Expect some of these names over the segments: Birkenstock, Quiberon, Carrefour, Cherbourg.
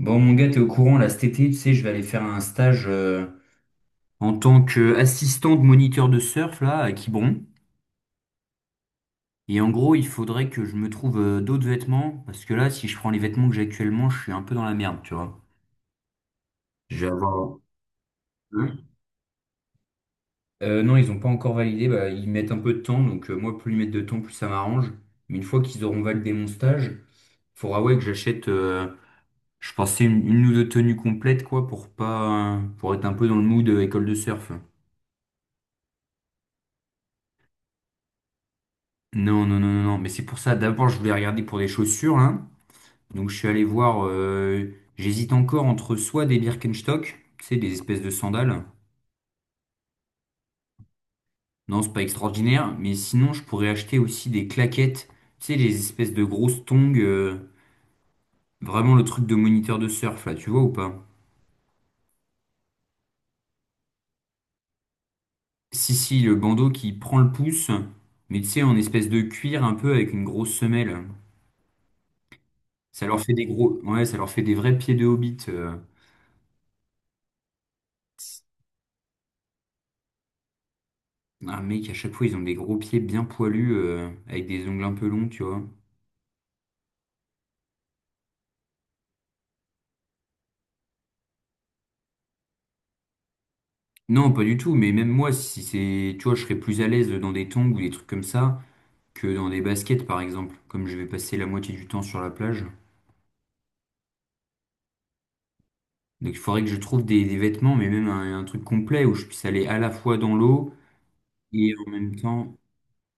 Bon, mon gars, t'es au courant, là, cet été, tu sais, je vais aller faire un stage en tant qu'assistant de moniteur de surf, là, à Quiberon. Et en gros, il faudrait que je me trouve d'autres vêtements, parce que là, si je prends les vêtements que j'ai actuellement, je suis un peu dans la merde, tu vois. Je vais avoir... Hein? Non, ils ont pas encore validé, bah, ils mettent un peu de temps, donc moi, plus ils mettent de temps, plus ça m'arrange. Mais une fois qu'ils auront validé mon stage, faudra, ouais, que j'achète, je pensais, une ou deux tenues complètes, quoi, pour pas... pour être un peu dans le mood école de surf. Non, non, non, non, non. Mais c'est pour ça, d'abord, je voulais regarder pour des chaussures, là. Donc, je suis allé voir. J'hésite encore entre soit des Birkenstock, tu sais, des espèces de sandales. Non, c'est pas extraordinaire. Mais sinon, je pourrais acheter aussi des claquettes, tu sais, les espèces de grosses tongs. Vraiment le truc de moniteur de surf, là, tu vois ou pas? Si, si, le bandeau qui prend le pouce, mais tu sais, en espèce de cuir un peu avec une grosse semelle. Ça leur fait des gros. Ouais, ça leur fait des vrais pieds de hobbit. Un mec, à chaque fois ils ont des gros pieds bien poilus avec des ongles un peu longs, tu vois. Non, pas du tout, mais même moi, si c'est, tu vois, je serais plus à l'aise dans des tongs ou des trucs comme ça que dans des baskets par exemple, comme je vais passer la moitié du temps sur la plage. Donc il faudrait que je trouve des vêtements, mais même un truc complet où je puisse aller à la fois dans l'eau et en même temps,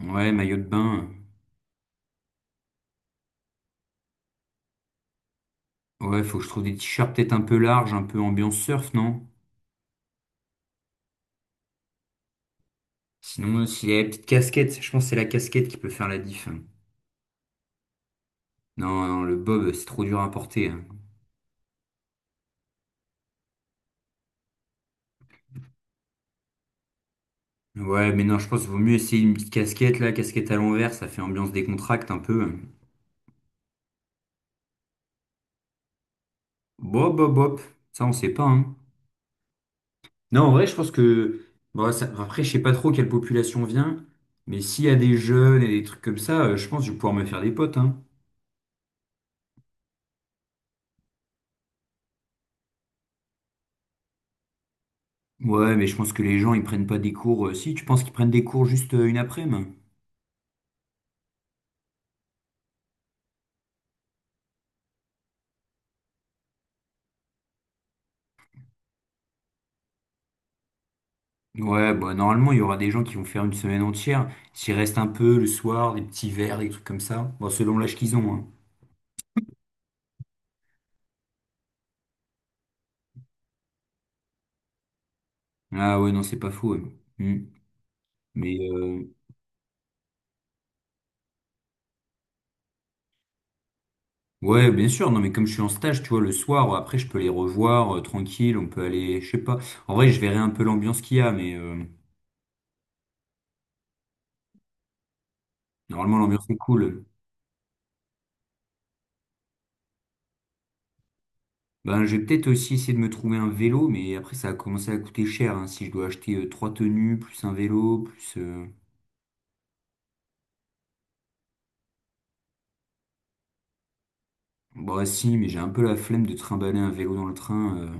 ouais, maillot de bain. Ouais, faut que je trouve des t-shirts peut-être un peu larges, un peu ambiance surf, non? Sinon, s'il y a la petite casquette, je pense que c'est la casquette qui peut faire la diff, hein. Non, non, le bob, c'est trop dur à porter, hein. Ouais, mais non, je pense qu'il vaut mieux essayer une petite casquette, là, casquette à l'envers, ça fait ambiance décontracte un peu. Bob, bob, bob, ça, on sait pas, hein. Non, en vrai, je pense que... Bon, ça- Après, je sais pas trop quelle population vient, mais s'il y a des jeunes et des trucs comme ça, je pense que je vais pouvoir me faire des potes, hein. Ouais, mais je pense que les gens, ils prennent pas des cours... Si, tu penses qu'ils prennent des cours juste une après-midi? Ouais, bah normalement, il y aura des gens qui vont faire une semaine entière. S'il reste un peu le soir, des petits verres, des trucs comme ça. Bon, selon l'âge qu'ils ont, hein. Ah ouais, non, c'est pas faux, ouais. Hmm. Mais ouais, bien sûr, non, mais comme je suis en stage, tu vois, le soir, après, je peux les revoir tranquille, on peut aller, je sais pas. En vrai, je verrai un peu l'ambiance qu'il y a, mais normalement, l'ambiance est cool. Ben, je vais peut-être aussi essayer de me trouver un vélo, mais après, ça a commencé à commencer à coûter cher, hein, si je dois acheter trois tenues, plus un vélo, plus... Bah si, mais j'ai un peu la flemme de trimballer un vélo dans le train.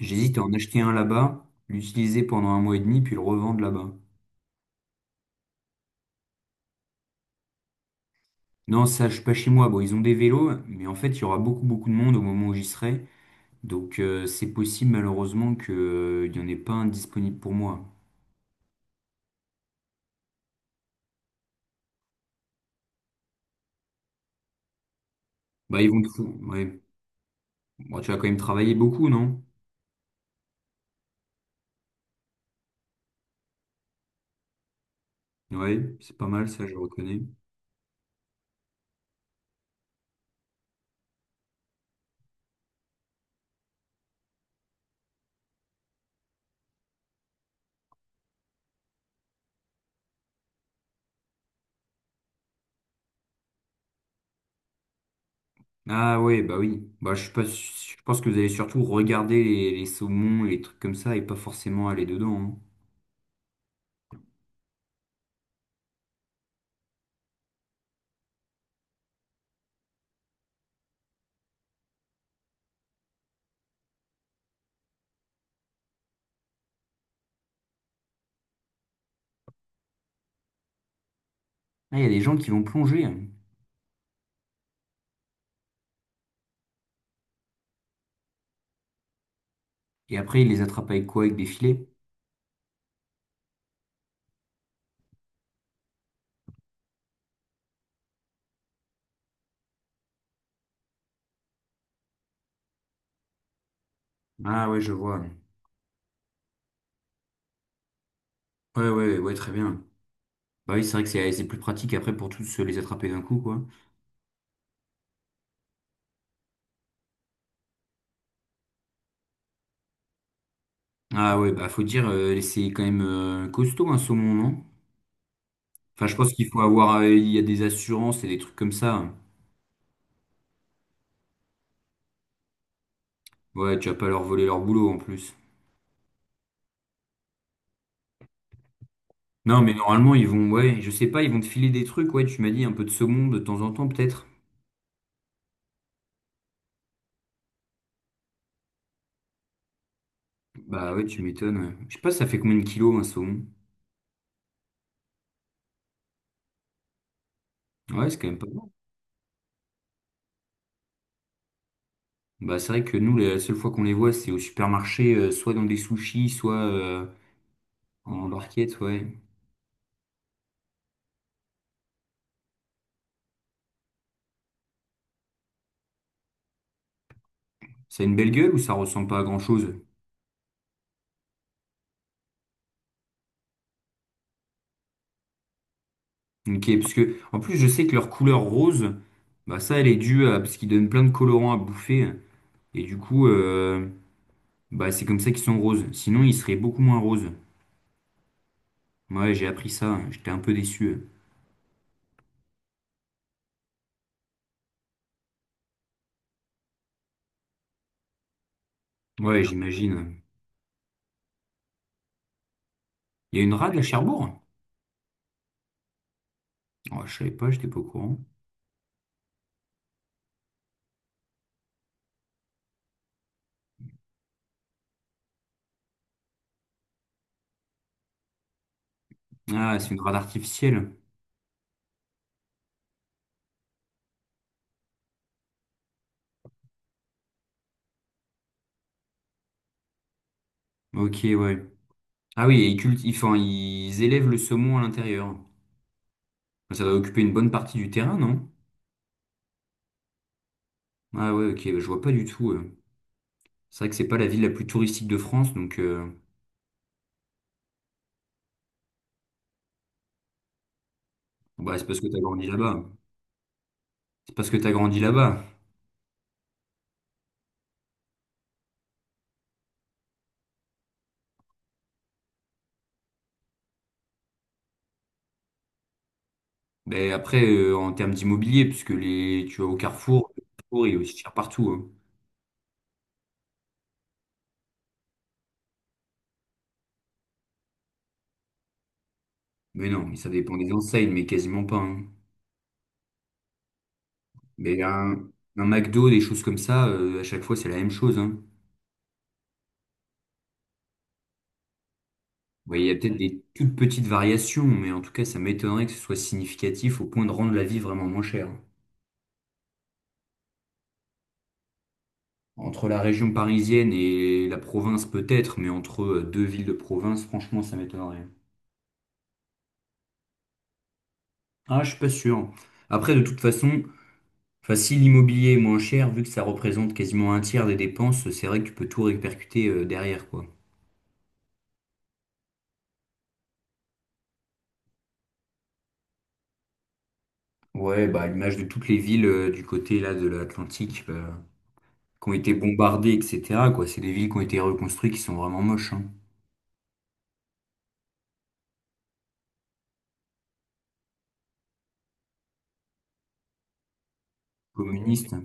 J'hésite à en acheter un là-bas, l'utiliser pendant un mois et demi, puis le revendre là-bas. Non, ça, je suis pas chez moi. Bon, ils ont des vélos, mais en fait, il y aura beaucoup, beaucoup de monde au moment où j'y serai. Donc, c'est possible, malheureusement, que, il y en ait pas un disponible pour moi. Bah, ils vont te fou- Ouais. Bon, tu vas quand même travailler beaucoup, non? Ouais, c'est pas mal, ça, je reconnais. Ah ouais, bah oui. Bah, je suis pas... su- je pense que vous allez surtout regarder les saumons et les trucs comme ça et pas forcément aller dedans, hein. Ah, il y a des gens qui vont plonger, hein. Et après, ils les attrapent avec quoi? Avec des filets? Ah ouais, je vois. Ouais, ouais, ouais, très bien. Bah oui, c'est vrai que c'est plus pratique après pour tous les attraper d'un coup, quoi. Ah ouais, bah faut dire, c'est quand même costaud un saumon, non? Enfin, je pense qu'il faut avoir, il y a des assurances et des trucs comme ça. Ouais, tu vas pas leur voler leur boulot en plus. Non, mais normalement, ils vont, ouais, je sais pas, ils vont te filer des trucs, ouais, tu m'as dit un peu de saumon de temps en temps, peut-être. Bah ouais, tu m'étonnes, ouais. Je sais pas, ça fait combien de kilos un saumon? Ouais, c'est quand même pas mal. Bah c'est vrai que nous, la seule fois qu'on les voit, c'est au supermarché, soit dans des sushis, soit en barquette, ouais. Ça a une belle gueule ou ça ressemble pas à grand-chose? Ok, parce que en plus je sais que leur couleur rose, bah ça elle est due à parce qu'ils donnent plein de colorants à bouffer et du coup bah c'est comme ça qu'ils sont roses. Sinon ils seraient beaucoup moins roses. Ouais, j'ai appris ça, j'étais un peu déçu. Ouais, j'imagine. Il y a une rade à Cherbourg? Oh, je savais pas, j'étais pas au courant. Ah, c'est une rade artificielle. Ok, ouais. Ah oui, et ils cultivent, enfin, ils élèvent le saumon à l'intérieur. Ça doit occuper une bonne partie du terrain, non? Ah ouais, ok, bah, je vois pas du tout. C'est vrai que c'est pas la ville la plus touristique de France, donc bah, c'est parce que t'as grandi là-bas. C'est parce que t'as grandi là-bas. Mais après, en termes d'immobilier, puisque les, tu vas au Carrefour, le Carrefour, il est aussi cher partout, hein. Mais non, mais ça dépend des enseignes, mais quasiment pas, hein. Mais un McDo, des choses comme ça, à chaque fois, c'est la même chose, hein. Ouais, il y a peut-être des toutes petites variations, mais en tout cas, ça m'étonnerait que ce soit significatif au point de rendre la vie vraiment moins chère. Entre la région parisienne et la province, peut-être, mais entre deux villes de province, franchement, ça m'étonnerait. Ah, je suis pas sûr. Après, de toute façon, enfin, si l'immobilier est moins cher, vu que ça représente quasiment un tiers des dépenses, c'est vrai que tu peux tout répercuter derrière, quoi. Ouais, bah, à l'image de toutes les villes du côté là de l'Atlantique qui ont été bombardées, etc., quoi. C'est des villes qui ont été reconstruites qui sont vraiment moches, hein. Communistes.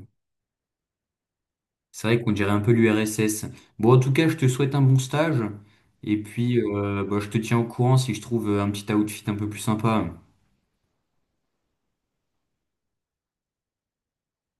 C'est vrai qu'on dirait un peu l'URSS. Bon, en tout cas, je te souhaite un bon stage. Et puis, bah, je te tiens au courant si je trouve un petit outfit un peu plus sympa.